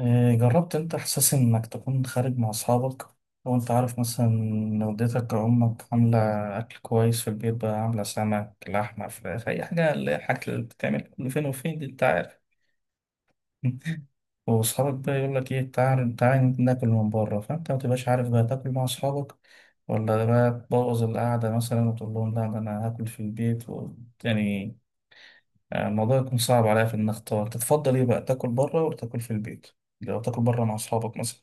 آه، جربت انت احساس انك تكون خارج مع اصحابك لو انت عارف مثلا ان والدتك او امك عامله اكل كويس في البيت، بقى عامله سمك لحمه فراخ اي حاجه، اللي هي الحاجات اللي بتتعمل كل فين وفين دي، انت عارف. واصحابك بقى يقول لك ايه، تعال تعال ناكل من بره، فانت ما تبقاش عارف بقى تاكل مع اصحابك ولا بقى تبوظ القعده مثلا وتقول لهم لا ده انا هاكل في البيت و يعني آه، الموضوع يكون صعب عليا في ان اختار تتفضل ايه بقى، تاكل بره ولا تاكل في البيت؟ لو تاكل بره مع اصحابك مثلا،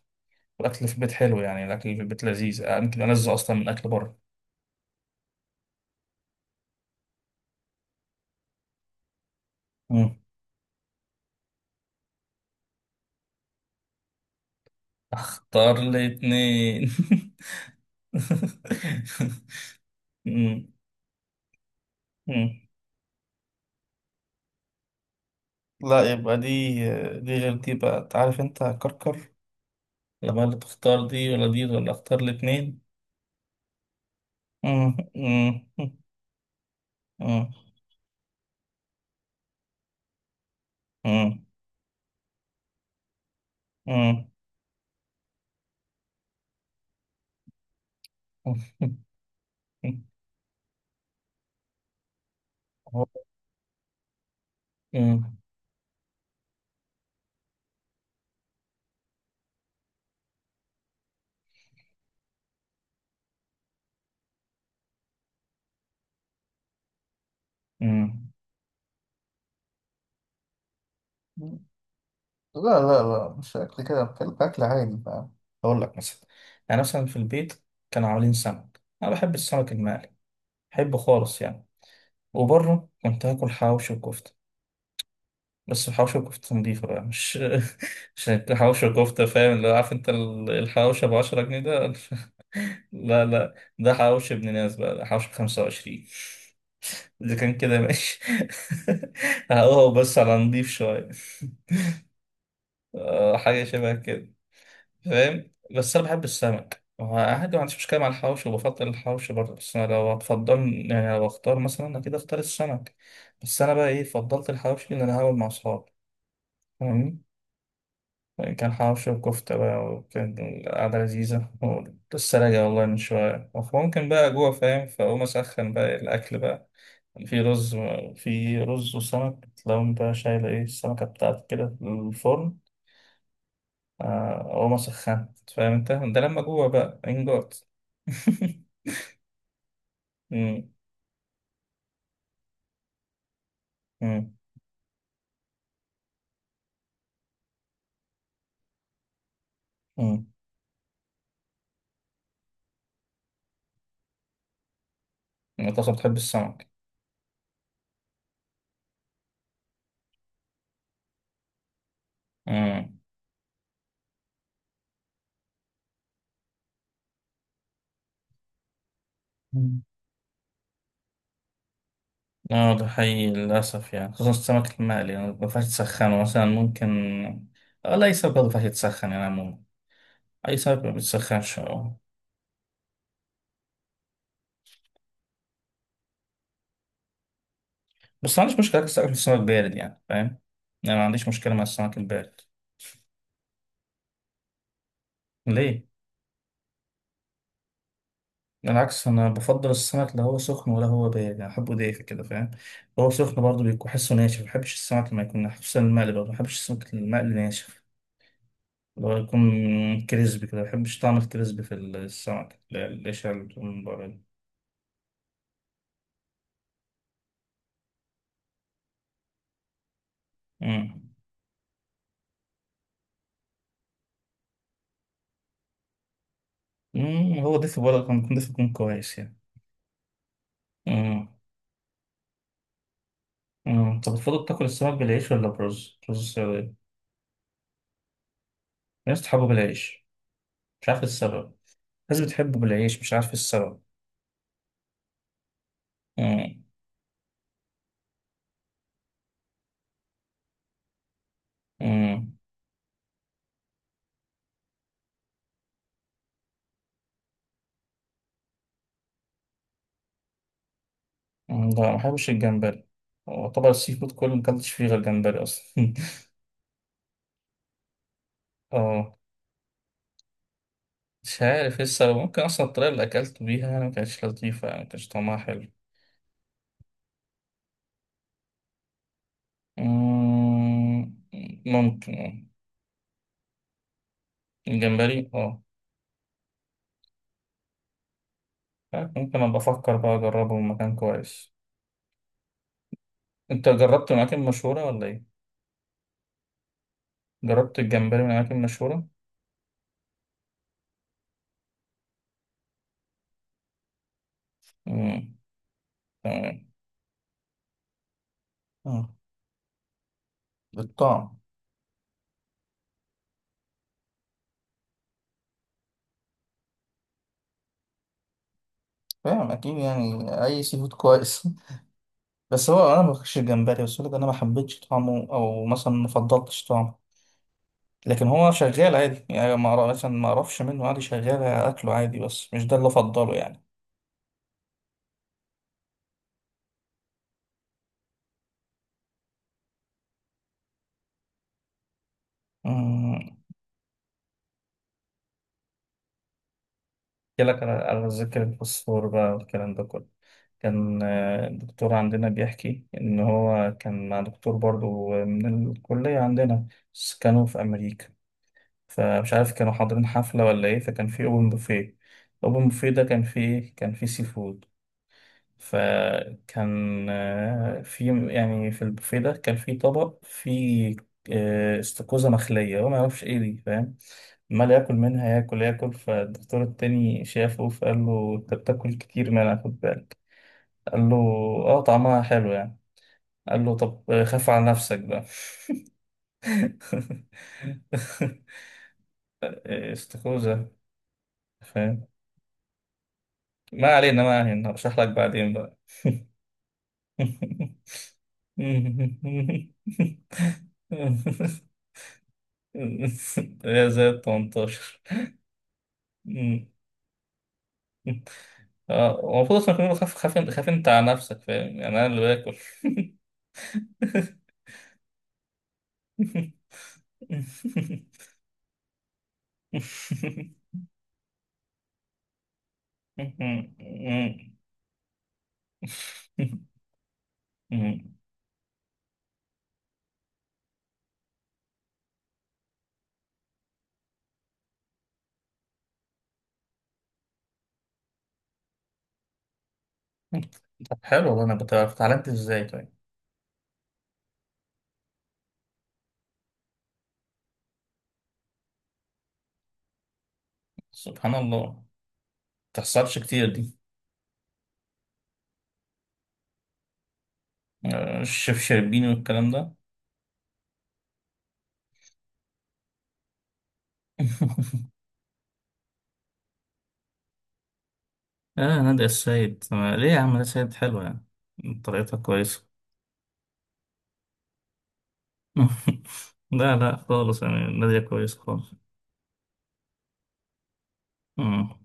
والاكل في البيت حلو، يعني الاكل في البيت لذيذ، آه، يمكن ألذ اصلا من اكل بره. مم. اختار الاتنين. مم. مم. لا، يبقى دي غير دي بقى، تعرف انت كركر، يبقى اللي تختار دي ولا دي، ولا اختار الاتنين؟ مم. مم. مم. مم. مم. هو. مم. مم. لا لا لا، مش أكل كده، بتكلم أكل عادي بقى. أقول لك مثلا، يعني مثلا في البيت كانوا عاملين سمك، أنا بحب السمك المقلي، بحبه خالص يعني. وبره كنت هاكل حواوشي وكفتة، بس حواوشي وكفتة نضيفة بقى، مش مش حواوشي وكفتة، فاهم اللي هو، عارف أنت الحواوشي أبو 10 جنيه ده؟ لا لا، ده حواوشي ابن ناس بقى، ده حواوشي ب25. إذا كان كده ماشي. هو بس على نضيف شوية. آه، حاجة شبه كده. فاهم بس انا بحب السمك، وعادي ما عنديش مشكله مع الحوش، وبفضل الحوش برضه، بس انا لو هتفضل، يعني لو اختار مثلا اكيد اختار السمك. بس انا بقى، ايه، فضلت الحوش لان انا هاكل مع اصحابي، فاهمني؟ يعني كان حوش وكفته بقى، وكان القعده لذيذه، ولسه راجع والله من شويه، ممكن بقى جوع فاهم، فاقوم اسخن بقى الاكل بقى. في رز، في رز وسمك، لو انت شايل ايه السمكه بتاعتك كده في الفرن، آه، وما سخنت، فاهم انت ده لما جوه بقى انجارد. مم. مم. مم. انت اصلا بتحب السمك؟ مم. مم. اه ده حقيقي للأسف، يعني خصوصا السمك المقلي يعني ما ينفعش تسخنه مثلا، ممكن، آه، لا أي سمك برضه ما ينفعش يتسخن يعني عموما. أي سمك ما بيتسخنش آه. بس ما عنديش مشكلة أكل السمك، السمك بارد يعني، فاهم؟ يعني ما عنديش مشكلة مع السمك البارد. ليه؟ بالعكس انا بفضل السمك، لا هو سخن ولا هو بارد، يعني احبه دافي كده فاهم. هو سخن برضه بيكون حسه ناشف، ما بحبش السمك لما يكون ناشف، خصوصا المقلي برضه ما بحبش السمك المقلي ناشف، اللي هو يكون كريسبي كده، ما بحبش طعم الكريسبي في السمك، لا القشره اللي بتكون من بره دي. أمم. أمم، هو دافي، ولا كان يكون دافي يكون كويس يعني. أمم. أمم. طب بتفضل تاكل السمك بالعيش ولا برز؟ رز السعودية. الناس بتحبه بالعيش، مش عارف إيه السبب. الناس بتحبه بالعيش، مش عارف إيه السبب. أمم. مم، لا ما بحبش الجمبري. يعتبر السي فود كله مكلتش فيه غير جمبري اصلا. اه. مش عارف ايه السبب، ممكن اصلا الطريقة اللي اكلته بيها يعني ما كانتش لطيفة، يعني ما كانش طعمها حلو. مم. ممكن آه. الجمبري اه. ممكن ابقى افكر بقى اجربه من مكان كويس. انت جربت من اماكن مشهورة ولا ايه؟ جربت الجمبري من اماكن مشهورة؟ مم. تمام. آه. الطعم. فاهم اكيد يعني، اي سي فود كويس. بس هو انا ما باكلش الجمبري، بس لك انا ما حبيتش طعمه، او مثلا ما فضلتش طعمه، لكن هو شغال عادي يعني، ما أعرف- مثلا ما اعرفش منه عادي، شغال اكله عادي، بس مش ده اللي افضله يعني. امم. احكي لك على ذكر الفوسفور بقى والكلام ده كله، كان آه، الدكتور عندنا بيحكي ان هو كان مع دكتور برضو من الكلية عندنا، بس كانوا في امريكا، فمش عارف كانوا حاضرين حفلة ولا ايه، فكان في اوبن بوفيه، اوبن بوفيه ده كان فيه ايه، كان فيه سي فود، فكان آه، في يعني في البوفيه ده كان في طبق فيه، آه، استاكوزا مخلية. هو ما يعرفش ايه دي فاهم، عمال ياكل منها، ياكل ياكل، فالدكتور التاني شافه فقال له انت بتاكل كتير منها خد بالك، قال له اه طعمها حلو يعني، قال له طب آه، خاف على نفسك بقى. آه، استاكوزا. فاهم. ما علينا ما علينا، هشرح لك بعدين بقى. يا زي ال 18. اه هو المفروض اصلا كمان، خاف خاف خاف انت على نفسك، فاهم يعني انا اللي باكل. طب حلو والله، انا كنت اتعلمت ازاي طيب؟ سبحان الله ما تحصلش كتير دي. آه، الشيف شربيني والكلام ده. اه نادية السيد. ليه يا عم؟ نادية السيد حلوة يعني، طريقتها كويسة. لا لا خالص يعني، نادية كويسة خالص. مم.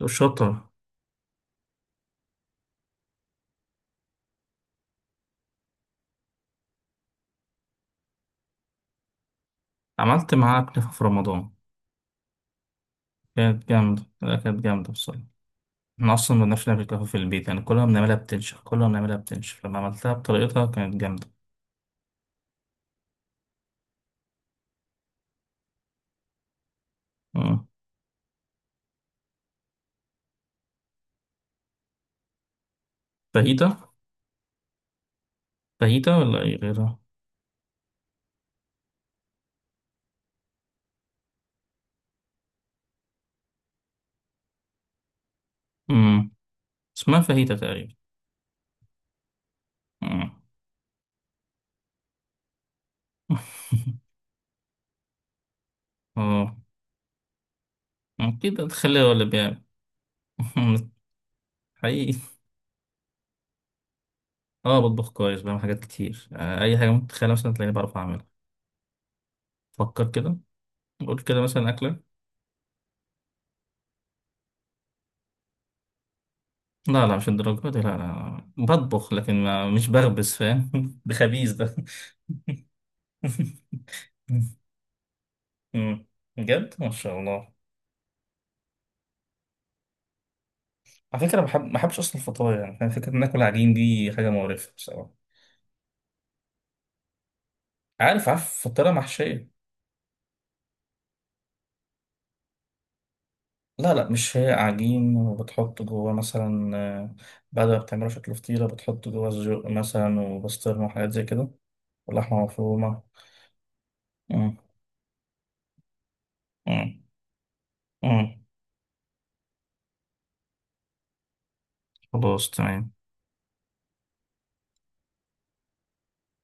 وشاطرة. عملت معاها كنافة في رمضان، كانت جامدة، لا كانت جامدة بصراحة. احنا أصلا ما بنعرفش نعمل كنافة في البيت يعني، كلها بنعملها بتنشف، كلها بنعملها بتنشف، لما عملتها بطريقتها كانت جامدة. مم. فاهيتا. فاهيتا، ولا أي غيرها؟ مم. اسمها فاهيتا تقريبا. مم. اه، أكيد هتخليها ولا بيعمل. حقيقي. اه بطبخ كويس، بعمل حاجات كتير آه، اي حاجه ممكن تتخيلها مثلا تلاقيني بعرف اعملها، فكر كده، قول كده مثلا اكله. لا لا مش الدرجه دي، لا لا بطبخ لكن ما مش بخبز فاهم. ده خبيث ده. مم. بجد ما شاء الله. على فكره بحب، ما بحبش اصلا الفطاير يعني فاهم؟ فكره ان اكل عجين دي حاجه مقرفه بصراحه. عارف عارف، فطيره محشيه. لا لا مش، هي عجين وبتحط جواه مثلا آه، بعد ما بتعمله شكل فطيره بتحط جواه سجق مثلا وبسطرمه وحاجات زي كده، ولحمه مفرومه. مم. مم. مم. خلاص تمام.